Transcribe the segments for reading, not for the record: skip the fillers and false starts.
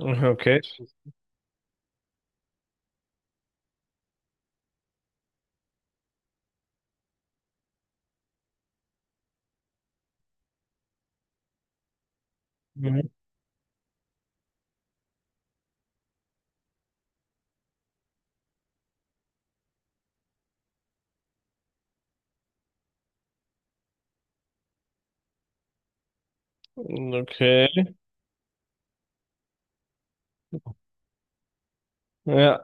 Okay. Mhm. Okay. Ja,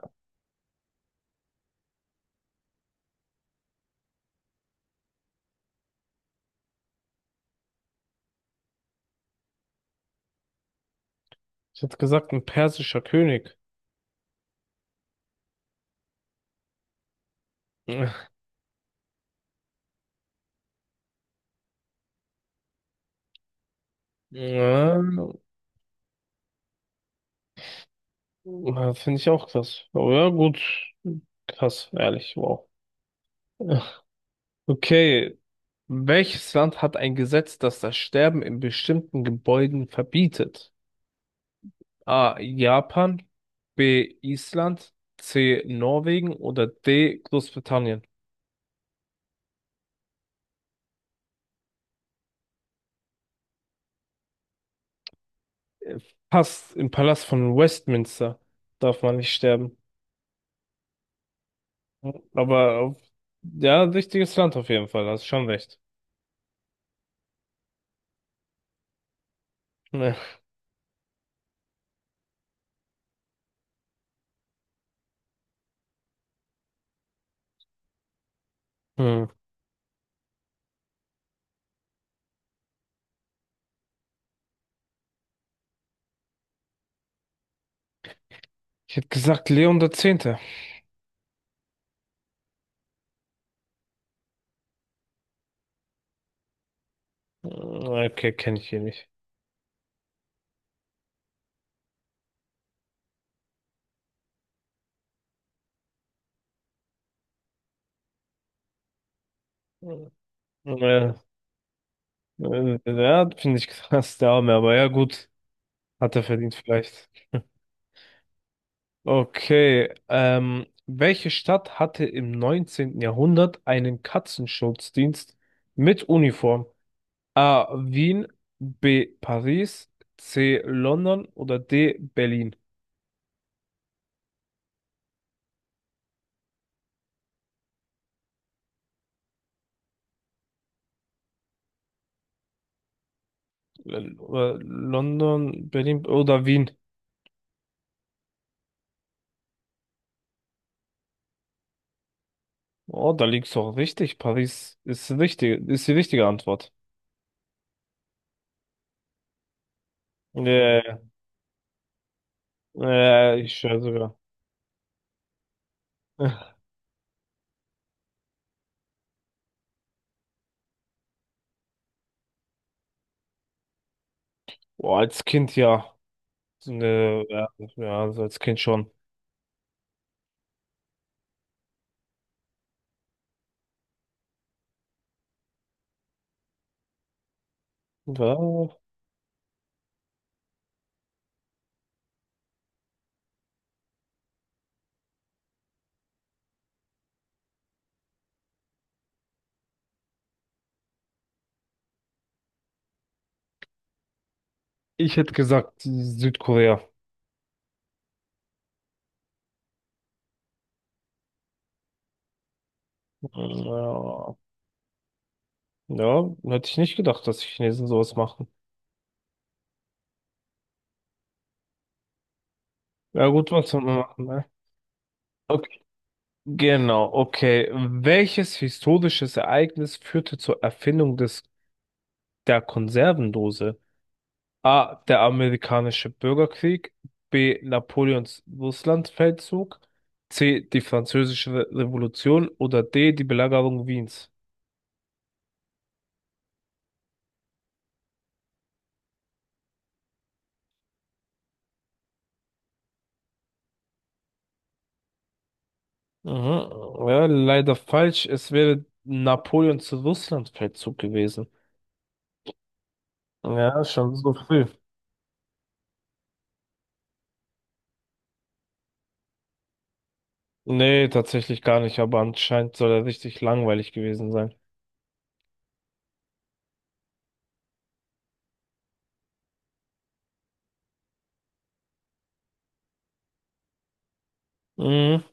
ich hätte gesagt, ein persischer König. Ja, ja, finde ich auch krass. Aber ja, gut. Krass, ehrlich, wow. Okay. Welches Land hat ein Gesetz, das das Sterben in bestimmten Gebäuden verbietet? A. Japan, B. Island, C. Norwegen oder D. Großbritannien. Äh, Fast im Palast von Westminster darf man nicht sterben. Aber auf, ja, wichtiges Land auf jeden Fall, hast schon recht. Ja. Hm. Ich hätte gesagt Leon der Zehnte. Okay, kenne ich hier nicht. Ja, äh, ja, finde ich krass, der Arme, aber ja gut, hat er verdient vielleicht. Okay, welche Stadt hatte im neunzehnten Jahrhundert einen Katzenschutzdienst mit Uniform? A. Wien, B. Paris, C. London oder D. Berlin? London, Berlin oder Wien. Oh, da liegst du auch richtig. Paris ist richtig, ist die richtige Antwort. Ja, ja, ja, ich schwöre sogar. Oh, als Kind ja. Ne, ja, ja, also als Kind schon. Ja, ich hätte gesagt Südkorea. Ja, ja, hätte ich nicht gedacht, dass die Chinesen sowas machen. Ja gut, was soll man machen, ne? Okay. Genau, okay. Welches historisches Ereignis führte zur Erfindung des der Konservendose? A. Der amerikanische Bürgerkrieg. B. Napoleons Russlandfeldzug. C. Die französische Revolution. Oder D. Die Belagerung Wiens. Mhm. Ja, leider falsch. Es wäre Napoleons Russlandfeldzug gewesen. Ja, schon so früh. Nee, tatsächlich gar nicht, aber anscheinend soll er richtig langweilig gewesen sein. Mhm.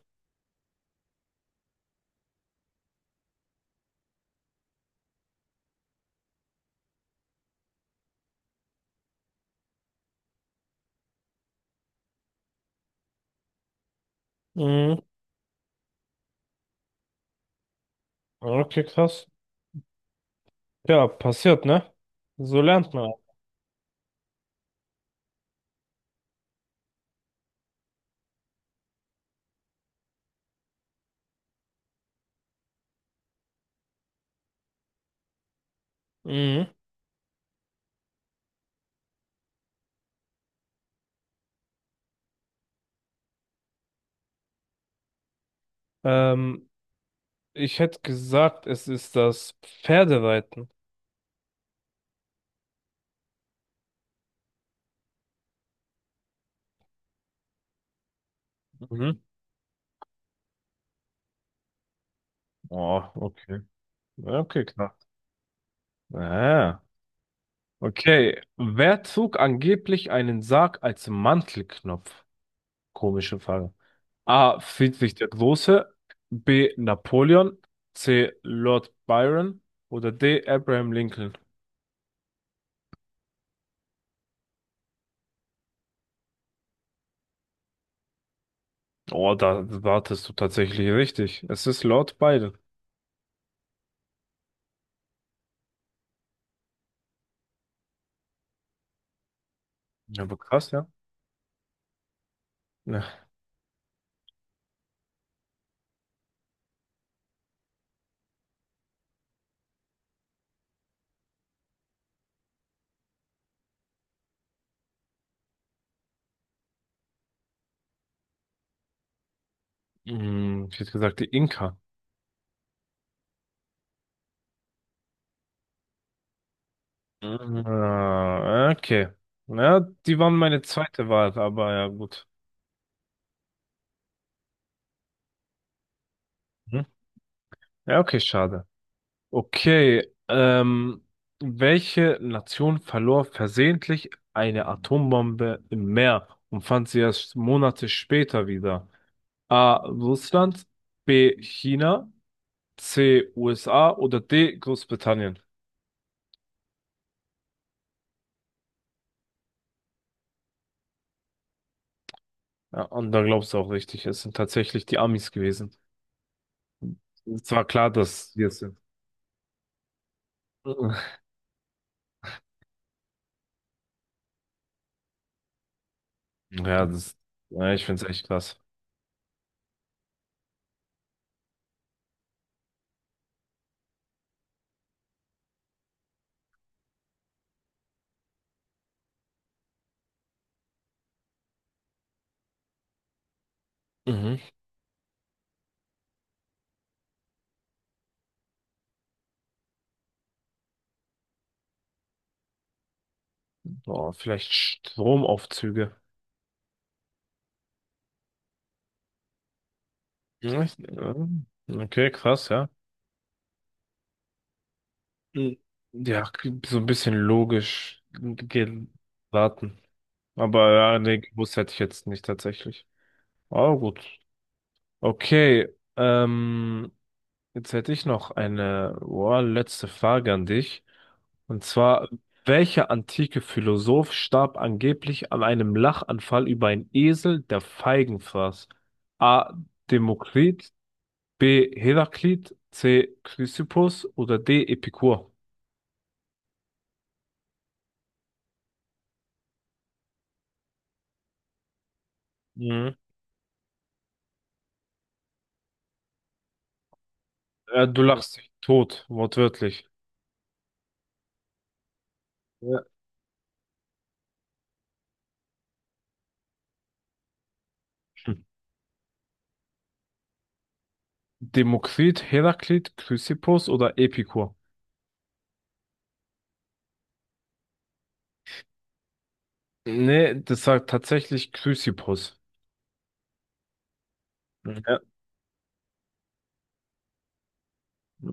Mhm. Okay, krass. Ja, passiert, ne? So lernt man. Mhm. Ähm, Ich hätte gesagt, es ist das Pferdereiten. Mhm. Oh, okay. Ja, okay, knapp. Ah, okay. Wer zog angeblich einen Sarg als Mantelknopf? Komische Frage. A. Friedrich der Große. B. Napoleon. C. Lord Byron. Oder D. Abraham Lincoln. Oh, da wartest du tatsächlich richtig. Es ist Lord Byron. Ja, aber krass, ja. Ja. Hm, ich hätte gesagt, die Inka. Ah, okay. Ja, die waren meine zweite Wahl, aber ja, gut. Hm? Ja, okay, schade. Okay, welche Nation verlor versehentlich eine Atombombe im Meer und fand sie erst Monate später wieder? A. Russland, B. China, C. USA oder D. Großbritannien? Ja, und da glaubst du auch richtig, es sind tatsächlich die Amis gewesen. Es war klar, dass wir es sind. Ja, das, ja, ich finde es echt krass. Mhm. Boah, vielleicht Stromaufzüge. Ja, ja. Okay, krass, ja. Mhm. Ja, so ein bisschen logisch geraten. Aber ja, nee, gewusst hätte ich jetzt nicht tatsächlich. Aber gut. Okay, ähm, jetzt hätte ich noch eine, boah, letzte Frage an dich. Und zwar, welcher antike Philosoph starb angeblich an einem Lachanfall über einen Esel, der Feigen fraß? A. Demokrit, B. Heraklit, C. Chrysippus oder D. Epikur? Mhm. Du lachst dich tot, wortwörtlich. Ja. Hm. Demokrit, Heraklit, Chrysippus oder Epikur? Nee, das sagt tatsächlich Chrysippus. Mhm. Ja,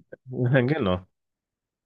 genau.